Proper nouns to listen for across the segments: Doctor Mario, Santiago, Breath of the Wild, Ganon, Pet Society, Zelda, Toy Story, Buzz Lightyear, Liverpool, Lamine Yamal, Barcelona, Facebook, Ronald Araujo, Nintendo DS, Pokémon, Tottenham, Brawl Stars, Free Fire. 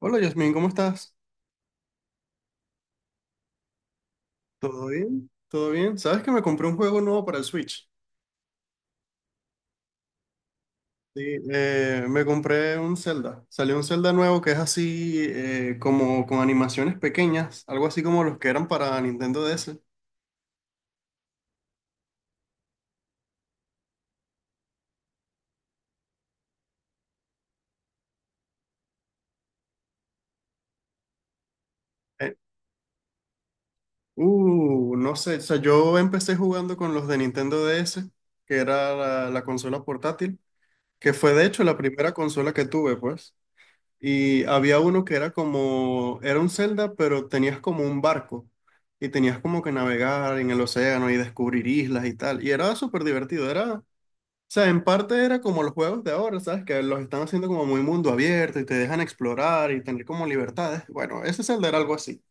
Hola Yasmin, ¿cómo estás? ¿Todo bien? ¿Todo bien? ¿Sabes que me compré un juego nuevo para el Switch? Sí, me compré un Zelda. Salió un Zelda nuevo que es así como con animaciones pequeñas, algo así como los que eran para Nintendo DS. Eh, no sé, o sea, yo empecé jugando con los de Nintendo DS, que era la consola portátil, que fue de hecho la primera consola que tuve, pues. Y había uno que era como, era un Zelda, pero tenías como un barco y tenías como que navegar en el océano y descubrir islas y tal. Y era súper divertido, era, o sea, en parte era como los juegos de ahora, ¿sabes? Que los están haciendo como muy mundo abierto y te dejan explorar y tener como libertades. Bueno, ese Zelda era algo así.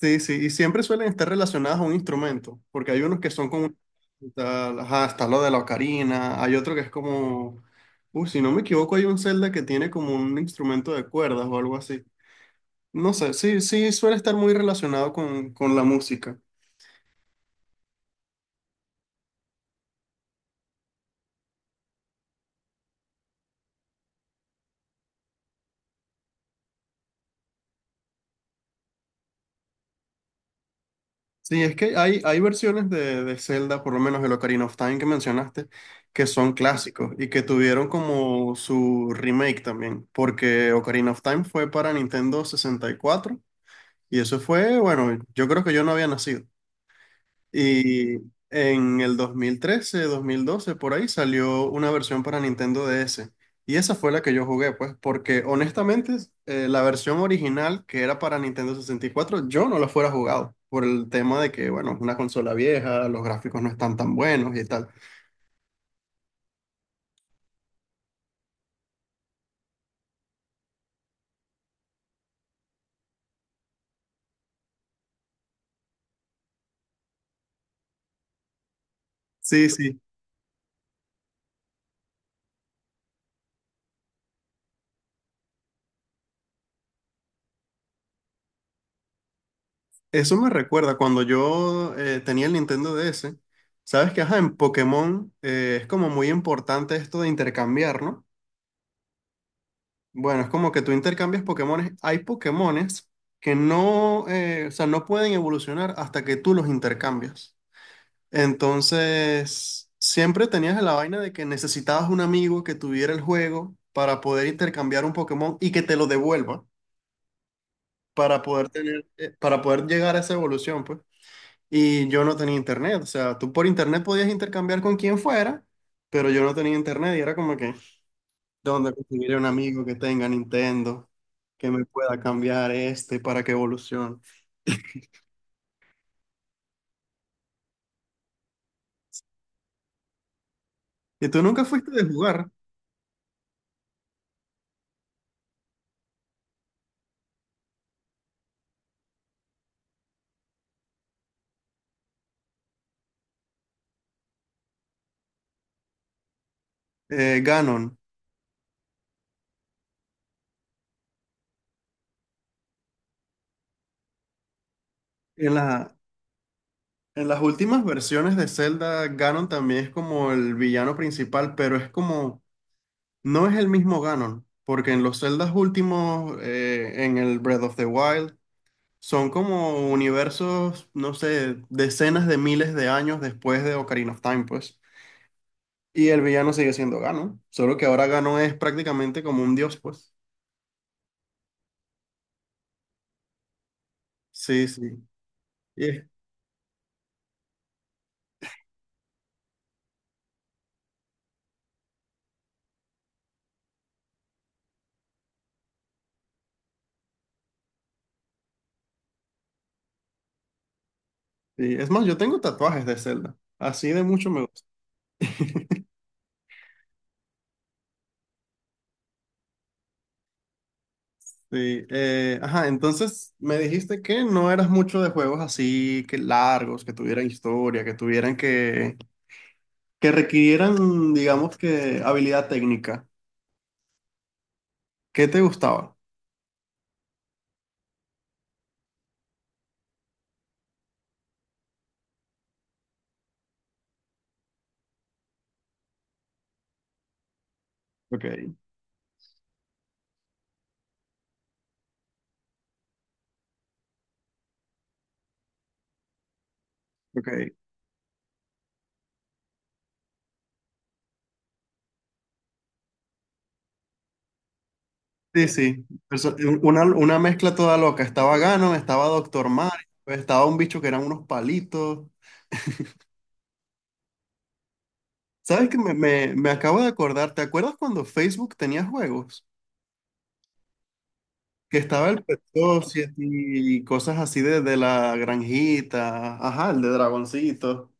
Sí, sí, y siempre suelen estar relacionadas a un instrumento, porque hay unos que son como, tal, ajá, está lo de la ocarina, hay otro que es como, uy, si no me equivoco, hay un Zelda que tiene como un instrumento de cuerdas o algo así. No sé, sí, sí, suele estar muy relacionado con la música. Sí, es que hay versiones de Zelda, por lo menos el Ocarina of Time que mencionaste, que son clásicos y que tuvieron como su remake también, porque Ocarina of Time fue para Nintendo 64. Y eso fue, bueno, yo creo que yo no había nacido. Y en el dos mil doce por ahí salió una versión para Nintendo DS. Y esa fue la que yo jugué, pues, porque honestamente la versión original que era para Nintendo 64 yo no la fuera jugado por el tema de que, bueno, es una consola vieja, los gráficos no están tan buenos y tal. Sí, sí, eso me recuerda cuando yo tenía el Nintendo DS. Sabes que, ajá, en Pokémon es como muy importante esto de intercambiar, ¿no? Bueno, es como que tú intercambias Pokémones. Hay Pokémones que no, o sea, no pueden evolucionar hasta que tú los intercambias. Entonces, siempre tenías la vaina de que necesitabas un amigo que tuviera el juego para poder intercambiar un Pokémon y que te lo devuelva para poder tener, para poder llegar a esa evolución, pues. Y yo no tenía internet. O sea, tú por internet podías intercambiar con quien fuera, pero yo no tenía internet y era como que ¿dónde conseguiré un amigo que tenga Nintendo que me pueda cambiar este para que evolucione? Y tú nunca fuiste de jugar Ganon. En la- en las últimas versiones de Zelda, Ganon también es como el villano principal, pero es como, no es el mismo Ganon, porque en los Zeldas últimos, en el Breath of the Wild, son como universos, no sé, decenas de miles de años después de Ocarina of Time, pues. Y el villano sigue siendo Ganon, solo que ahora Ganon es prácticamente como un dios, pues. Sí, sí. Y es, sí, es más, yo tengo tatuajes de Zelda, así de mucho me gusta. Sí, ajá, entonces me dijiste que no eras mucho de juegos así que largos, que tuvieran historia, que requirieran, digamos que, habilidad técnica. ¿Qué te gustaba? Ok, ok. Sí, sí. Una mezcla toda loca. Estaba Ganon, estaba Doctor Mario, estaba un bicho que eran unos palitos. ¿Sabes que me acabo de acordar? ¿Te acuerdas cuando Facebook tenía juegos? Que estaba el Pet Society y cosas así de la granjita, ajá, el de Dragoncito.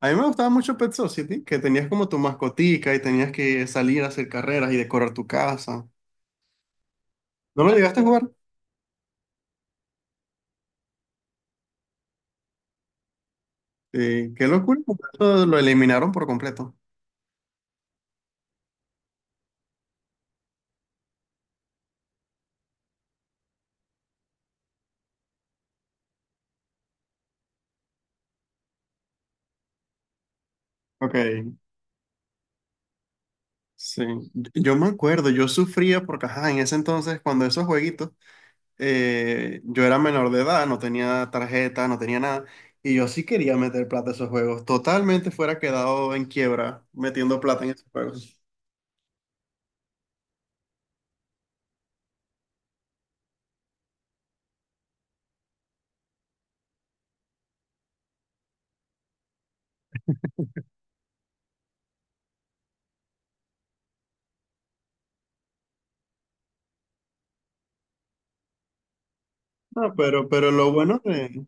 A mí me gustaba mucho Pet Society, que tenías como tu mascotica y tenías que salir a hacer carreras y decorar tu casa. ¿No lo llegaste a jugar? Sí, qué locura, porque eso lo eliminaron por completo. Ok, sí. Yo me acuerdo, yo sufría porque, ajá, en ese entonces, cuando esos jueguitos... yo era menor de edad, no tenía tarjeta, no tenía nada, y yo sí quería meter plata a esos juegos. Totalmente fuera quedado en quiebra metiendo plata en esos juegos. No, pero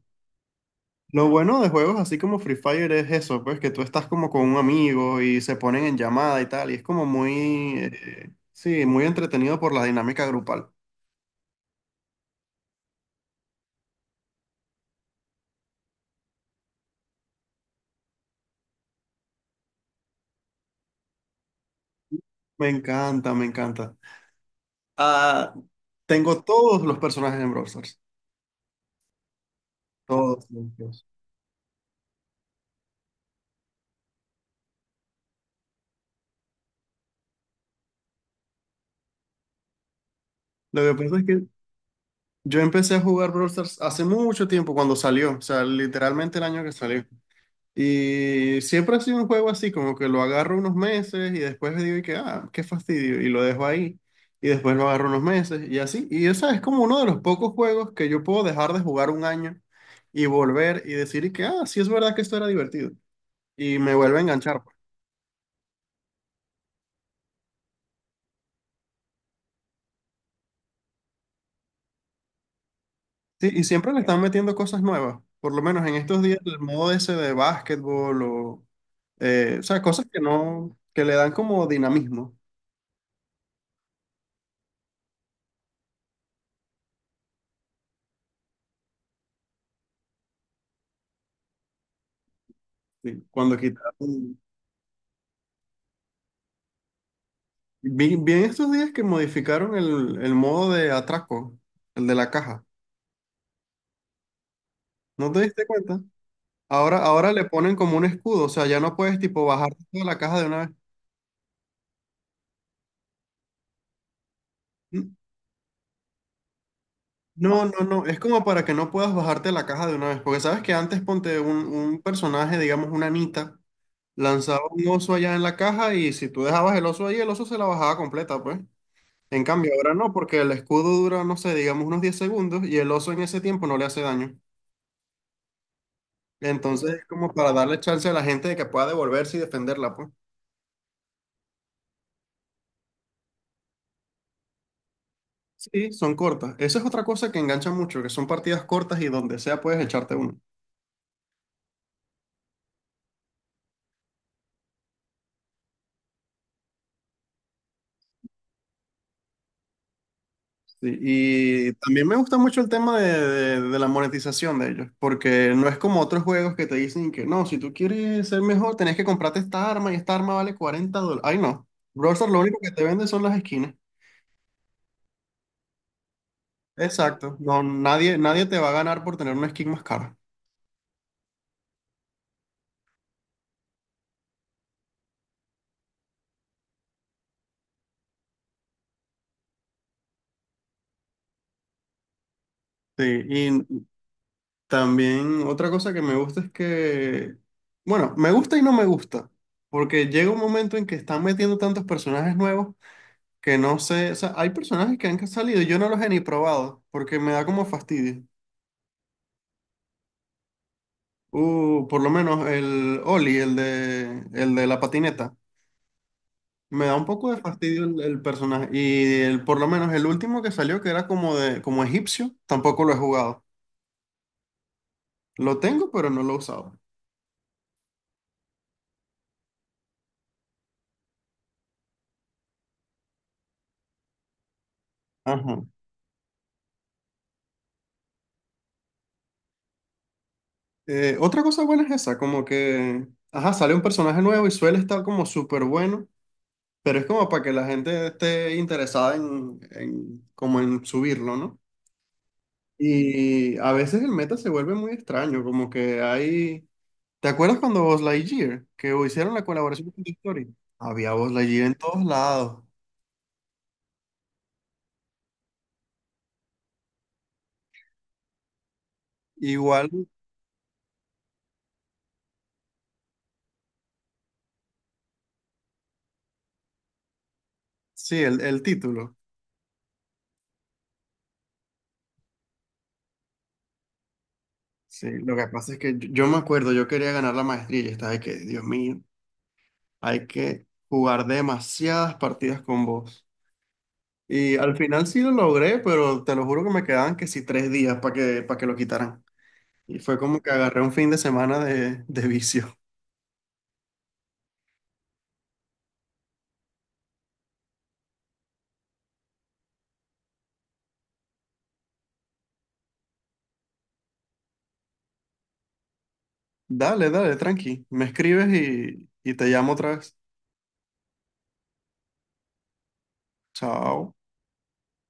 lo bueno de juegos así como Free Fire es eso, pues que tú estás como con un amigo y se ponen en llamada y tal, y es como muy, sí, muy entretenido por la dinámica grupal. Me encanta, me encanta. Ah, tengo todos los personajes en Brawl Stars, todos. todos. Lo que pasa es que yo empecé a jugar Brawl Stars hace mucho tiempo cuando salió, o sea, literalmente el año que salió. Y siempre ha sido un juego así, como que lo agarro unos meses y después digo y que, ah, qué fastidio, y lo dejo ahí, y después lo agarro unos meses y así. Y esa es como uno de los pocos juegos que yo puedo dejar de jugar un año y volver y decir y que, ah, sí es verdad que esto era divertido. Y me vuelve a enganchar, pues. Sí, y siempre le están metiendo cosas nuevas, por lo menos en estos días el modo ese de básquetbol o sea, cosas que no, que le dan como dinamismo. ¿Sí? Cuando quitaron, vi en estos días que modificaron el modo de atraco, el de la caja. ¿No te diste cuenta? Ahora, ahora le ponen como un escudo, o sea, ya no puedes tipo bajarte de la caja de una vez. N- No, no, no, es como para que no puedas bajarte de la caja de una vez, porque sabes que antes ponte un personaje, digamos una Anita, lanzaba un oso allá en la caja y si tú dejabas el oso ahí, el oso se la bajaba completa, pues. En cambio, ahora no, porque el escudo dura, no sé, digamos unos 10 segundos y el oso en ese tiempo no le hace daño. Entonces, es como para darle chance a la gente de que pueda devolverse y defenderla, pues. Sí, son cortas. Esa es otra cosa que engancha mucho, que son partidas cortas y donde sea puedes echarte uno. Sí, y también me gusta mucho el tema de, de la monetización de ellos, porque no es como otros juegos que te dicen que no, si tú quieres ser mejor, tenés que comprarte esta arma y esta arma vale $40. Ay, no. Brawl lo único que te vende son las esquinas. Exacto, no, nadie, nadie te va a ganar por tener una skin más cara. Sí, y también otra cosa que me gusta es que, bueno, me gusta y no me gusta, porque llega un momento en que están metiendo tantos personajes nuevos que no sé, o sea, hay personajes que han salido y yo no los he ni probado, porque me da como fastidio. Por lo menos el Oli, el de la patineta, me da un poco de fastidio el personaje, y el, por lo menos el último que salió, que era como de, como egipcio, tampoco lo he jugado. Lo tengo, pero no lo he usado. Ajá. Otra cosa buena es esa, como que, ajá, sale un personaje nuevo y suele estar como súper bueno, pero es como para que la gente esté interesada en, como en subirlo, ¿no? Y a veces el meta se vuelve muy extraño, como que hay... ¿Te acuerdas cuando Buzz Lightyear, que hicieron la colaboración con Toy Story? Había Buzz Lightyear en todos lados. Igual, sí, el título. Sí, lo que pasa es que yo me acuerdo, yo quería ganar la maestría y estaba de que, Dios mío. Hay que jugar demasiadas partidas con vos. Y al final sí lo logré, pero te lo juro que me quedaban que sí tres días para que lo quitaran. Y fue como que agarré un fin de semana de vicio. Dale, dale, tranqui. Me escribes y te llamo otra vez. Chao.